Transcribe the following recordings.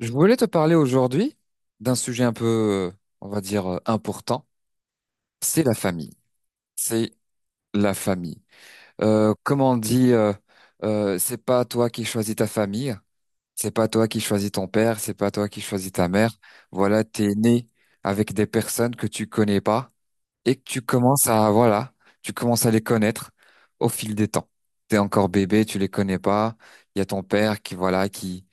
Je voulais te parler aujourd'hui d'un sujet un peu, on va dire, important. C'est la famille. C'est la famille. Comme on dit, c'est pas toi qui choisis ta famille, c'est pas toi qui choisis ton père, c'est pas toi qui choisis ta mère. Voilà, t'es né avec des personnes que tu connais pas et que tu commences à, voilà, tu commences à les connaître au fil des temps. T'es encore bébé, tu les connais pas. Il y a ton père qui, voilà, qui,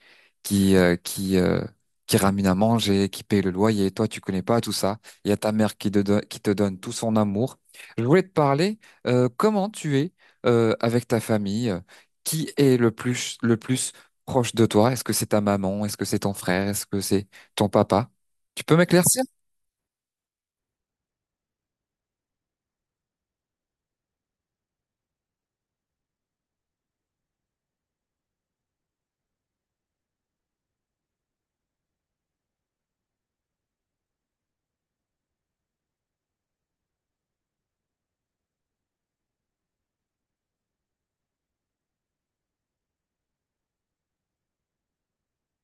qui, euh, qui, euh, qui ramène à manger, qui paye le loyer. Et toi, tu connais pas tout ça. Il y a ta mère qui te donne tout son amour. Je voulais te parler, comment tu es, avec ta famille. Qui est le plus proche de toi? Est-ce que c'est ta maman? Est-ce que c'est ton frère? Est-ce que c'est ton papa? Tu peux m'éclaircir?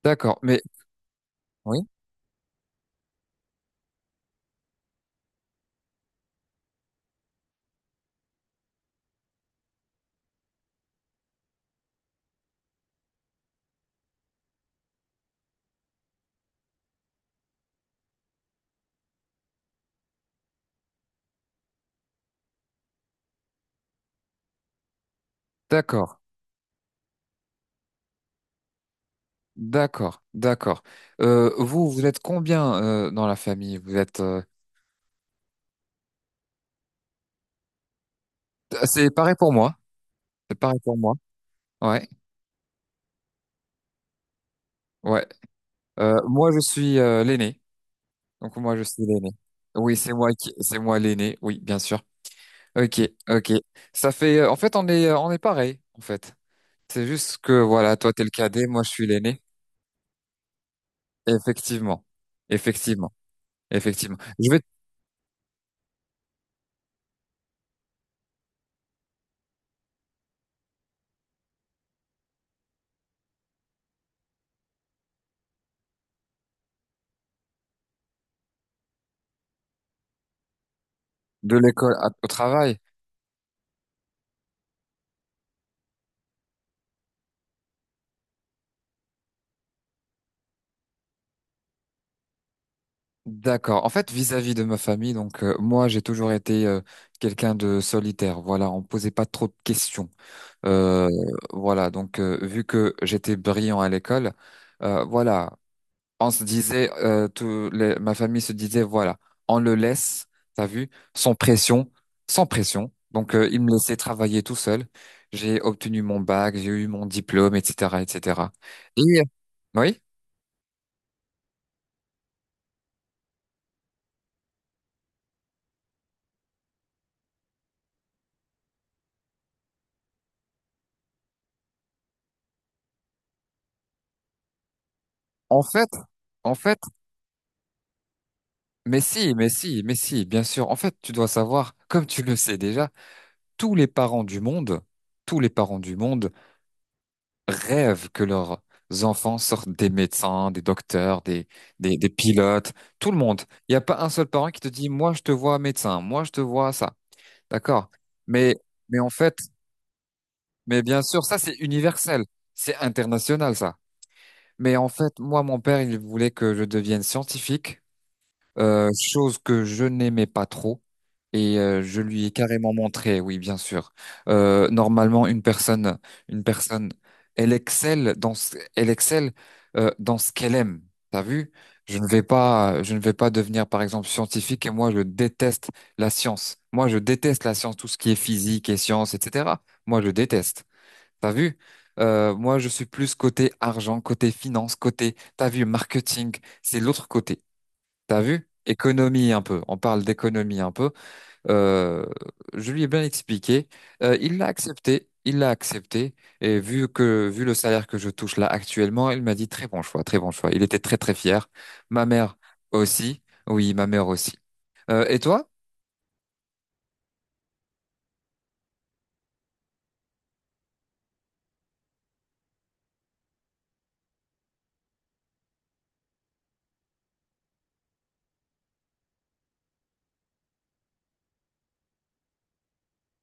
D'accord, mais oui, d'accord. D'accord, d'accord. Vous, vous êtes combien dans la famille? Vous êtes. C'est pareil pour moi. C'est pareil pour moi. Ouais, ouais. Moi, je suis l'aîné. Donc moi, je suis l'aîné. Oui, c'est moi qui, c'est moi l'aîné. Oui, bien sûr. Ok, ok. Ça fait. En fait, on est pareil. En fait, c'est juste que voilà, toi, t'es le cadet, moi, je suis l'aîné. Effectivement, effectivement, effectivement. Je vais de l'école au travail. D'accord. En fait, vis-à-vis de ma famille, donc moi, j'ai toujours été quelqu'un de solitaire. Voilà, on me posait pas trop de questions. Euh, voilà, donc vu que j'étais brillant à l'école, voilà, on se disait, ma famille se disait, voilà, on le laisse, t'as vu, sans pression, sans pression. Donc, il me laissait travailler tout seul. J'ai obtenu mon bac, j'ai eu mon diplôme, etc., etc. Et oui, en fait, en fait. Mais si, mais si, mais si, bien sûr. En fait, tu dois savoir, comme tu le sais déjà, tous les parents du monde, tous les parents du monde rêvent que leurs enfants sortent des médecins, des docteurs, des pilotes, tout le monde. Il n'y a pas un seul parent qui te dit, moi, je te vois médecin, moi, je te vois ça. D'accord? Mais, mais en fait, mais bien sûr, ça, c'est universel. C'est international, ça. Mais en fait, moi, mon père, il voulait que je devienne scientifique. Chose que je n'aimais pas trop et je lui ai carrément montré, oui, bien sûr. Normalement, une personne, elle excelle dans ce qu'elle aime. T'as vu? Je ne vais pas devenir, par exemple, scientifique et moi, je déteste la science. Moi, je déteste la science, tout ce qui est physique et science, etc. Moi, je déteste. T'as vu? Moi, je suis plus côté argent, côté finance, côté, t'as vu, marketing, c'est l'autre côté. T'as vu? Économie un peu. On parle d'économie un peu. Euh, je lui ai bien expliqué. Il l'a accepté. Il l'a accepté. Et vu le salaire que je touche là actuellement, il m'a dit très bon choix, très bon choix. Il était très très fier. Ma mère aussi. Oui, ma mère aussi. Et toi?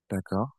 D'accord.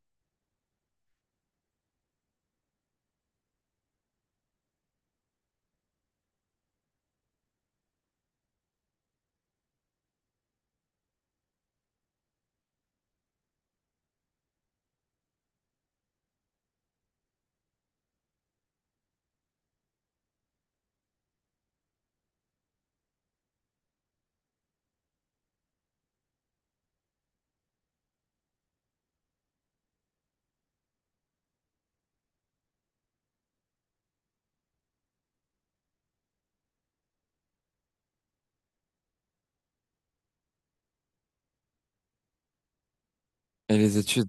Et les études?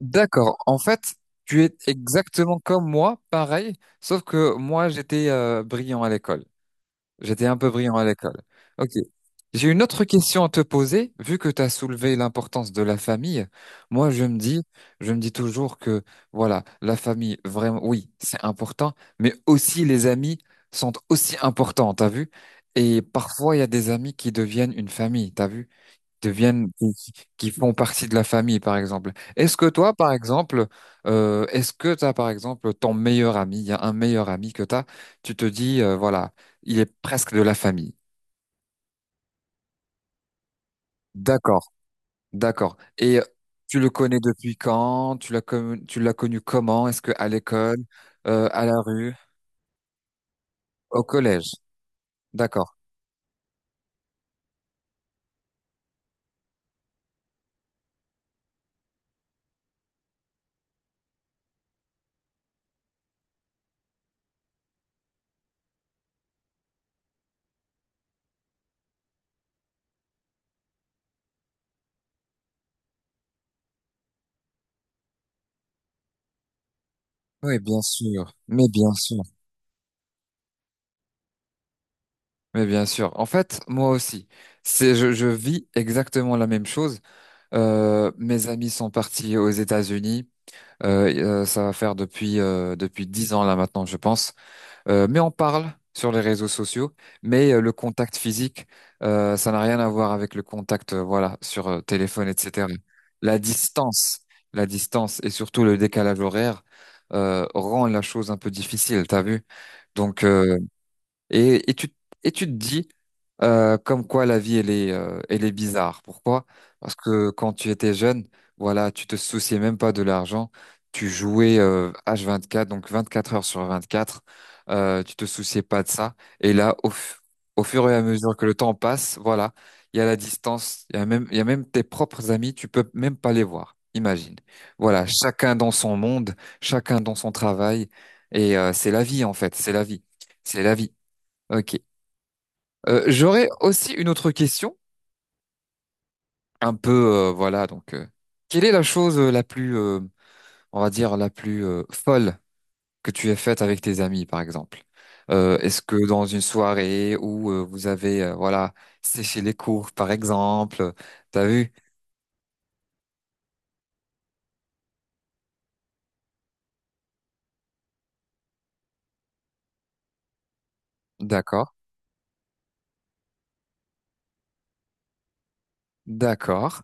D'accord. En fait, tu es exactement comme moi, pareil, sauf que moi j'étais brillant à l'école. J'étais un peu brillant à l'école. Ok. J'ai une autre question à te poser, vu que tu as soulevé l'importance de la famille. Moi, je me dis toujours que, voilà, la famille, vraiment, oui, c'est important, mais aussi les amis sont aussi importants, t'as vu? Et parfois, il y a des amis qui deviennent une famille, t'as vu? Qui font partie de la famille, par exemple. Est-ce que toi, par exemple, est-ce que t'as, par exemple, ton meilleur ami, il y a un meilleur ami que t'as, tu te dis, voilà, il est presque de la famille. D'accord, d'accord. Et tu le connais depuis quand? Tu l'as connu comment? Est-ce que à l'école, à la rue, au collège? D'accord. Oui, bien sûr. Mais bien sûr. Mais bien sûr. En fait, moi aussi, je vis exactement la même chose. Mes amis sont partis aux États-Unis. Ça va faire depuis depuis 10 ans là maintenant, je pense. Mais on parle sur les réseaux sociaux, mais le contact physique, ça n'a rien à voir avec le contact, voilà, sur téléphone, etc. La distance, la distance et surtout le décalage horaire rend la chose un peu difficile, t'as vu? Donc et, et tu, et tu te dis comme quoi la vie, elle est bizarre. Pourquoi? Parce que quand tu étais jeune, voilà, tu te souciais même pas de l'argent. Tu jouais H24, donc 24 heures sur 24. Tu te souciais pas de ça. Et là, au fur et à mesure que le temps passe, voilà, il y a la distance, il y a même tes propres amis, tu peux même pas les voir. Imagine. Voilà, chacun dans son monde, chacun dans son travail. Et c'est la vie, en fait, c'est la vie. C'est la vie. Ok. J'aurais aussi une autre question, un peu, voilà, donc, quelle est la chose la plus, on va dire, la plus folle que tu aies faite avec tes amis, par exemple? Est-ce que dans une soirée où vous avez, voilà, séché les cours, par exemple, t'as vu? D'accord, d'accord.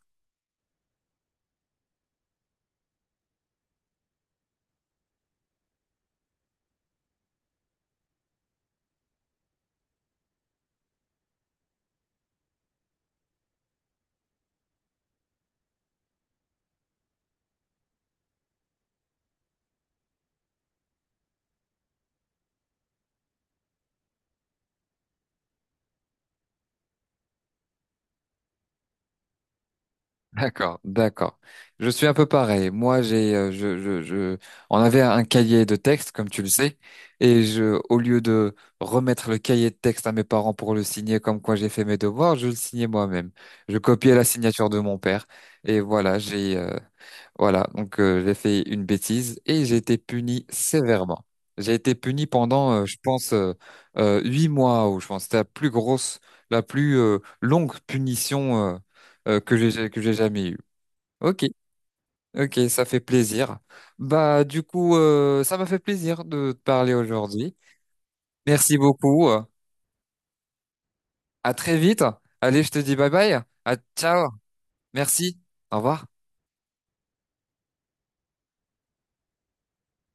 D'accord, d'accord. Je suis un peu pareil. Moi, j'ai, je, on avait un cahier de texte, comme tu le sais, et je, au lieu de remettre le cahier de texte à mes parents pour le signer comme quoi j'ai fait mes devoirs, je le signais moi-même. Je copiais la signature de mon père, et voilà, voilà, donc j'ai fait une bêtise et j'ai été puni sévèrement. J'ai été puni pendant, je pense, 8 mois, ou je pense, que c'était la plus grosse, la plus longue punition. Que j'ai jamais eue. Ok, ok, ça fait plaisir. Bah, du coup, ça m'a fait plaisir de te parler aujourd'hui. Merci beaucoup. À très vite. Allez, je te dis bye bye. À ciao. Merci. Au revoir.